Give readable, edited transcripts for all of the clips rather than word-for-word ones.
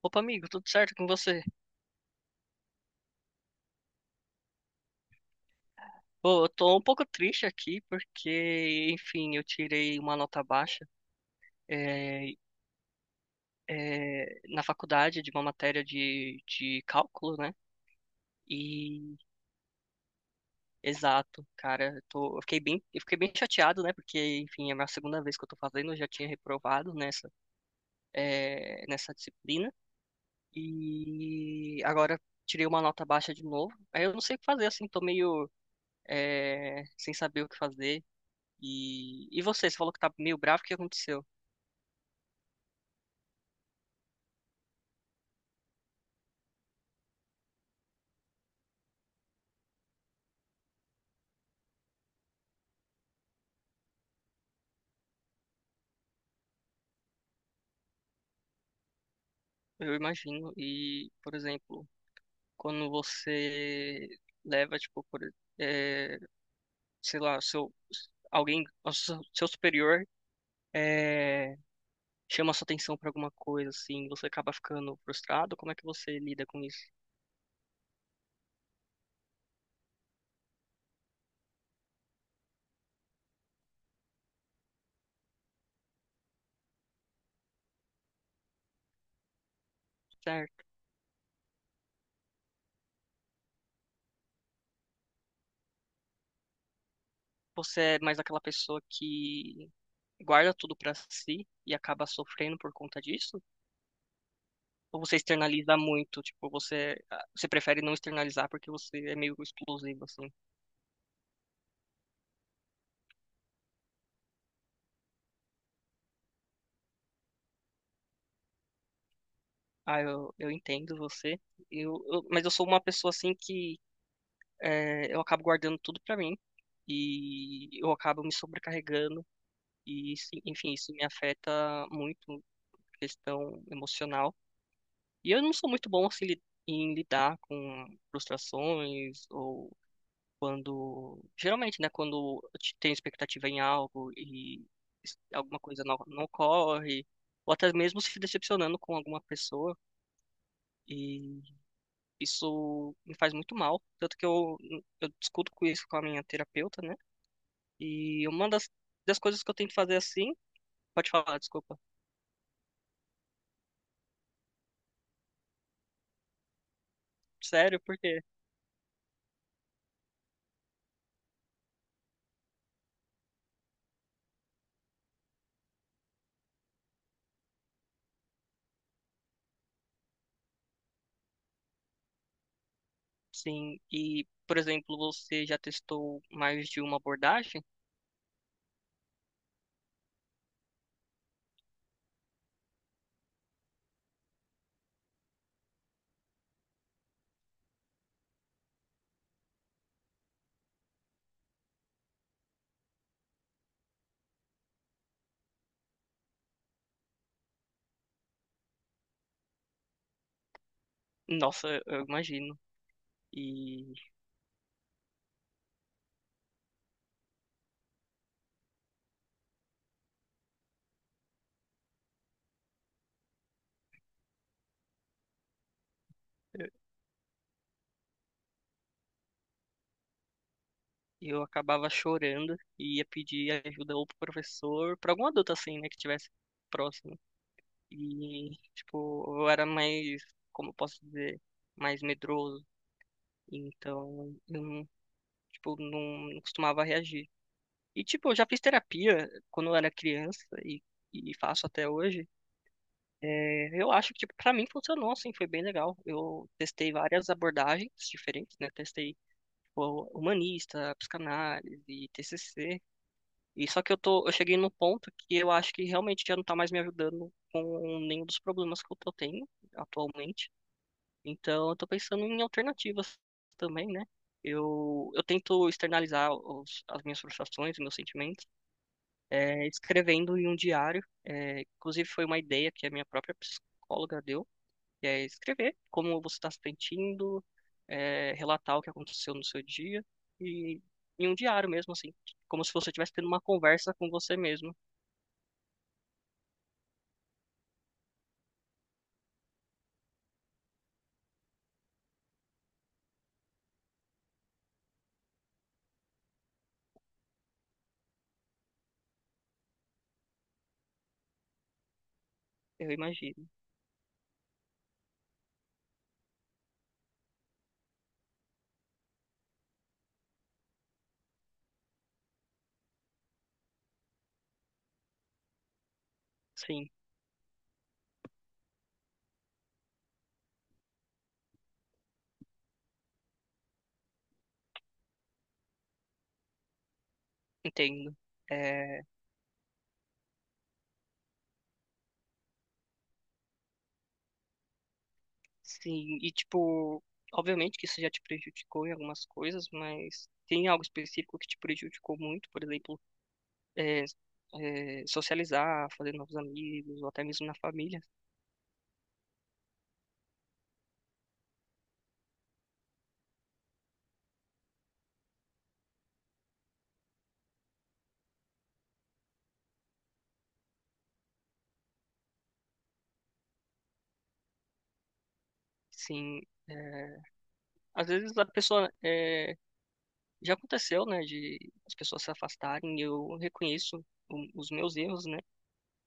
Opa, amigo, tudo certo com você? Pô, eu tô um pouco triste aqui porque, enfim, eu tirei uma nota baixa é, na faculdade de uma matéria de cálculo, né? E exato, cara, eu fiquei bem chateado, né? Porque, enfim, é a minha segunda vez que eu tô fazendo, eu já tinha reprovado nessa, nessa disciplina. E agora tirei uma nota baixa de novo. Aí eu não sei o que fazer, assim, tô meio, sem saber o que fazer. E você, você falou que tá meio bravo, o que aconteceu? Eu imagino. E, por exemplo, quando você leva, tipo, é, sei lá, seu, alguém, o seu superior é, chama sua atenção pra alguma coisa, assim, você acaba ficando frustrado, como é que você lida com isso? Certo. Você é mais aquela pessoa que guarda tudo pra si e acaba sofrendo por conta disso? Ou você externaliza muito? Tipo, você, ah, você prefere não externalizar porque você é meio explosivo, assim? Ah, eu entendo você. Mas eu sou uma pessoa assim que eu acabo guardando tudo pra mim e eu acabo me sobrecarregando e enfim, isso me afeta muito questão emocional. E eu não sou muito bom assim em lidar com frustrações ou quando, geralmente, né, quando eu tenho expectativa em algo e alguma coisa não ocorre, ou até mesmo se decepcionando com alguma pessoa. Isso me faz muito mal, tanto que eu discuto com isso com a minha terapeuta, né? E uma das coisas que eu tento fazer assim, pode falar, desculpa. Sério, por quê? Sim, e, por exemplo, você já testou mais de uma abordagem? Nossa, eu imagino. E eu acabava chorando e ia pedir ajuda ou pro professor, pra algum adulto assim, né, que tivesse próximo. E, tipo, eu era mais, como eu posso dizer, mais medroso. Então, eu não. Tipo, não costumava reagir. E, tipo, eu já fiz terapia quando eu era criança e faço até hoje. É, eu acho que, tipo, pra mim funcionou, assim, foi bem legal. Eu testei várias abordagens diferentes, né? Testei, tipo, humanista, psicanálise, TCC. E só que eu tô, eu cheguei num ponto que eu acho que realmente já não tá mais me ajudando com nenhum dos problemas que eu tô tendo atualmente. Então, eu tô pensando em alternativas também, né? Eu tento externalizar as minhas frustrações, os meus sentimentos, escrevendo em um diário. É, inclusive, foi uma ideia que a minha própria psicóloga deu, que é escrever como você está se sentindo, relatar o que aconteceu no seu dia, e em um diário mesmo, assim, como se você estivesse tendo uma conversa com você mesmo, eu imagino. Sim, entendo. Eh, Sim, e tipo, obviamente que isso já te prejudicou em algumas coisas, mas tem algo específico que te prejudicou muito, por exemplo, é, socializar, fazer novos amigos, ou até mesmo na família. Sim, é, às vezes a pessoa, é, já aconteceu, né, de as pessoas se afastarem, e eu reconheço os meus erros, né?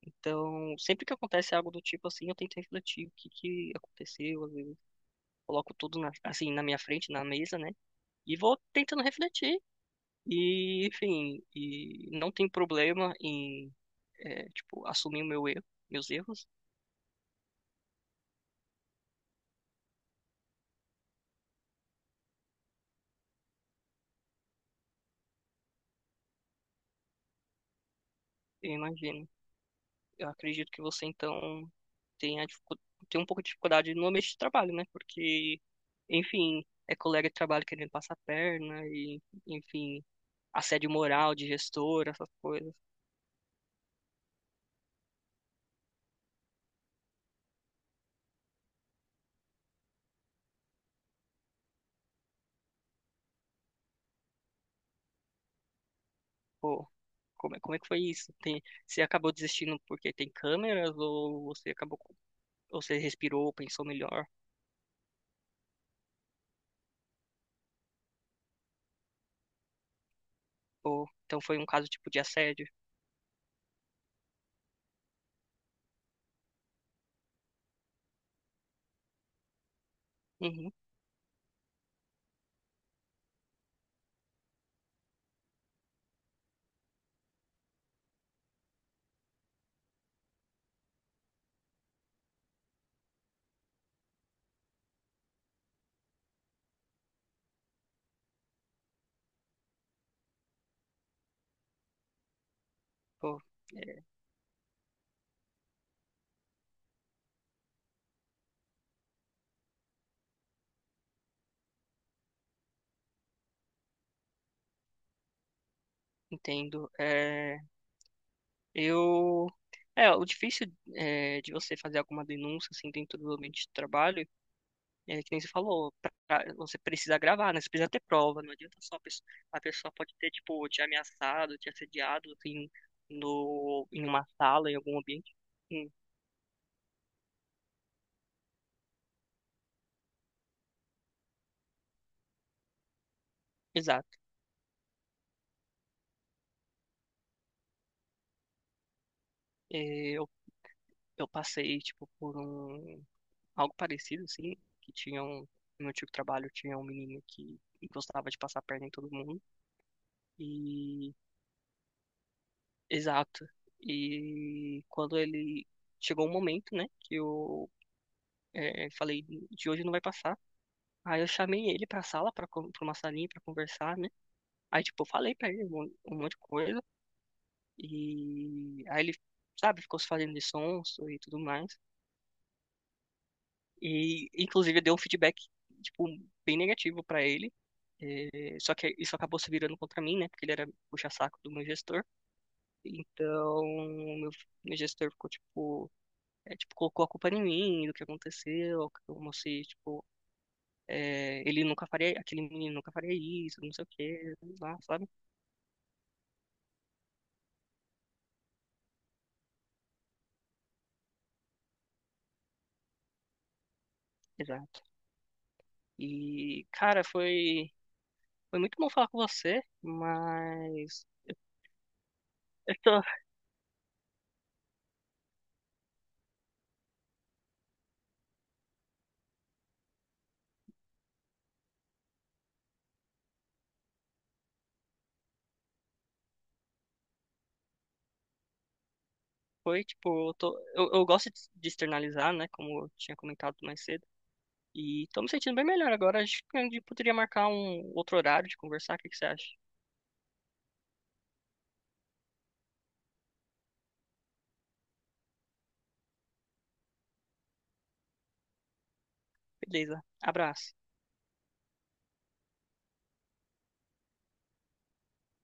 Então, sempre que acontece algo do tipo assim, eu tento refletir o que que aconteceu, às vezes eu coloco tudo na, assim na minha frente, na mesa, né? E vou tentando refletir. E, enfim, e não tem problema em, é, tipo, assumir o meu erro, meus erros. Eu imagino. Eu acredito que você, então, tenha, dificu- tem um pouco de dificuldade no ambiente de trabalho, né? Porque, enfim, é colega de trabalho querendo passar a perna e, enfim, assédio moral de gestor, essas coisas. Pô, como é que foi isso? Tem, você acabou desistindo porque tem câmeras ou você ou você respirou, pensou melhor? Ou, então foi um caso tipo de assédio? Uhum. Pô, é, entendo. É, eu. É, o difícil é, de você fazer alguma denúncia assim dentro do ambiente de trabalho é que nem você falou, você precisa gravar, né? Você precisa ter prova, não adianta só a pessoa pode ter tipo te ameaçado, te assediado assim no em uma sala, em algum ambiente. Hum, exato. É, eu eu passei tipo por algo parecido assim, que tinha um, no meu antigo trabalho tinha um menino que gostava de passar a perna em todo mundo e exato. E quando ele chegou um momento, né, que eu falei de hoje não vai passar. Aí eu chamei ele pra sala, pra uma salinha pra conversar, né? Aí, tipo, eu falei pra ele um monte de coisa. E aí ele, sabe, ficou se fazendo de sonso e tudo mais. E, inclusive, eu dei um feedback, tipo, bem negativo pra ele. É, só que isso acabou se virando contra mim, né? Porque ele era puxa-saco do meu gestor. Então, meu, meu gestor ficou, tipo, é, tipo, colocou a culpa em mim, do que aconteceu, como se, tipo, é, ele nunca faria, aquele menino nunca faria isso, não sei o quê, lá, sabe? Exato. E, cara, foi muito bom falar com você, mas eu tô, foi, tipo, eu tô, eu gosto de externalizar, né, como eu tinha comentado mais cedo, e tô me sentindo bem melhor agora, acho que a gente poderia marcar um outro horário de conversar, o que que você acha? Beleza, abraço.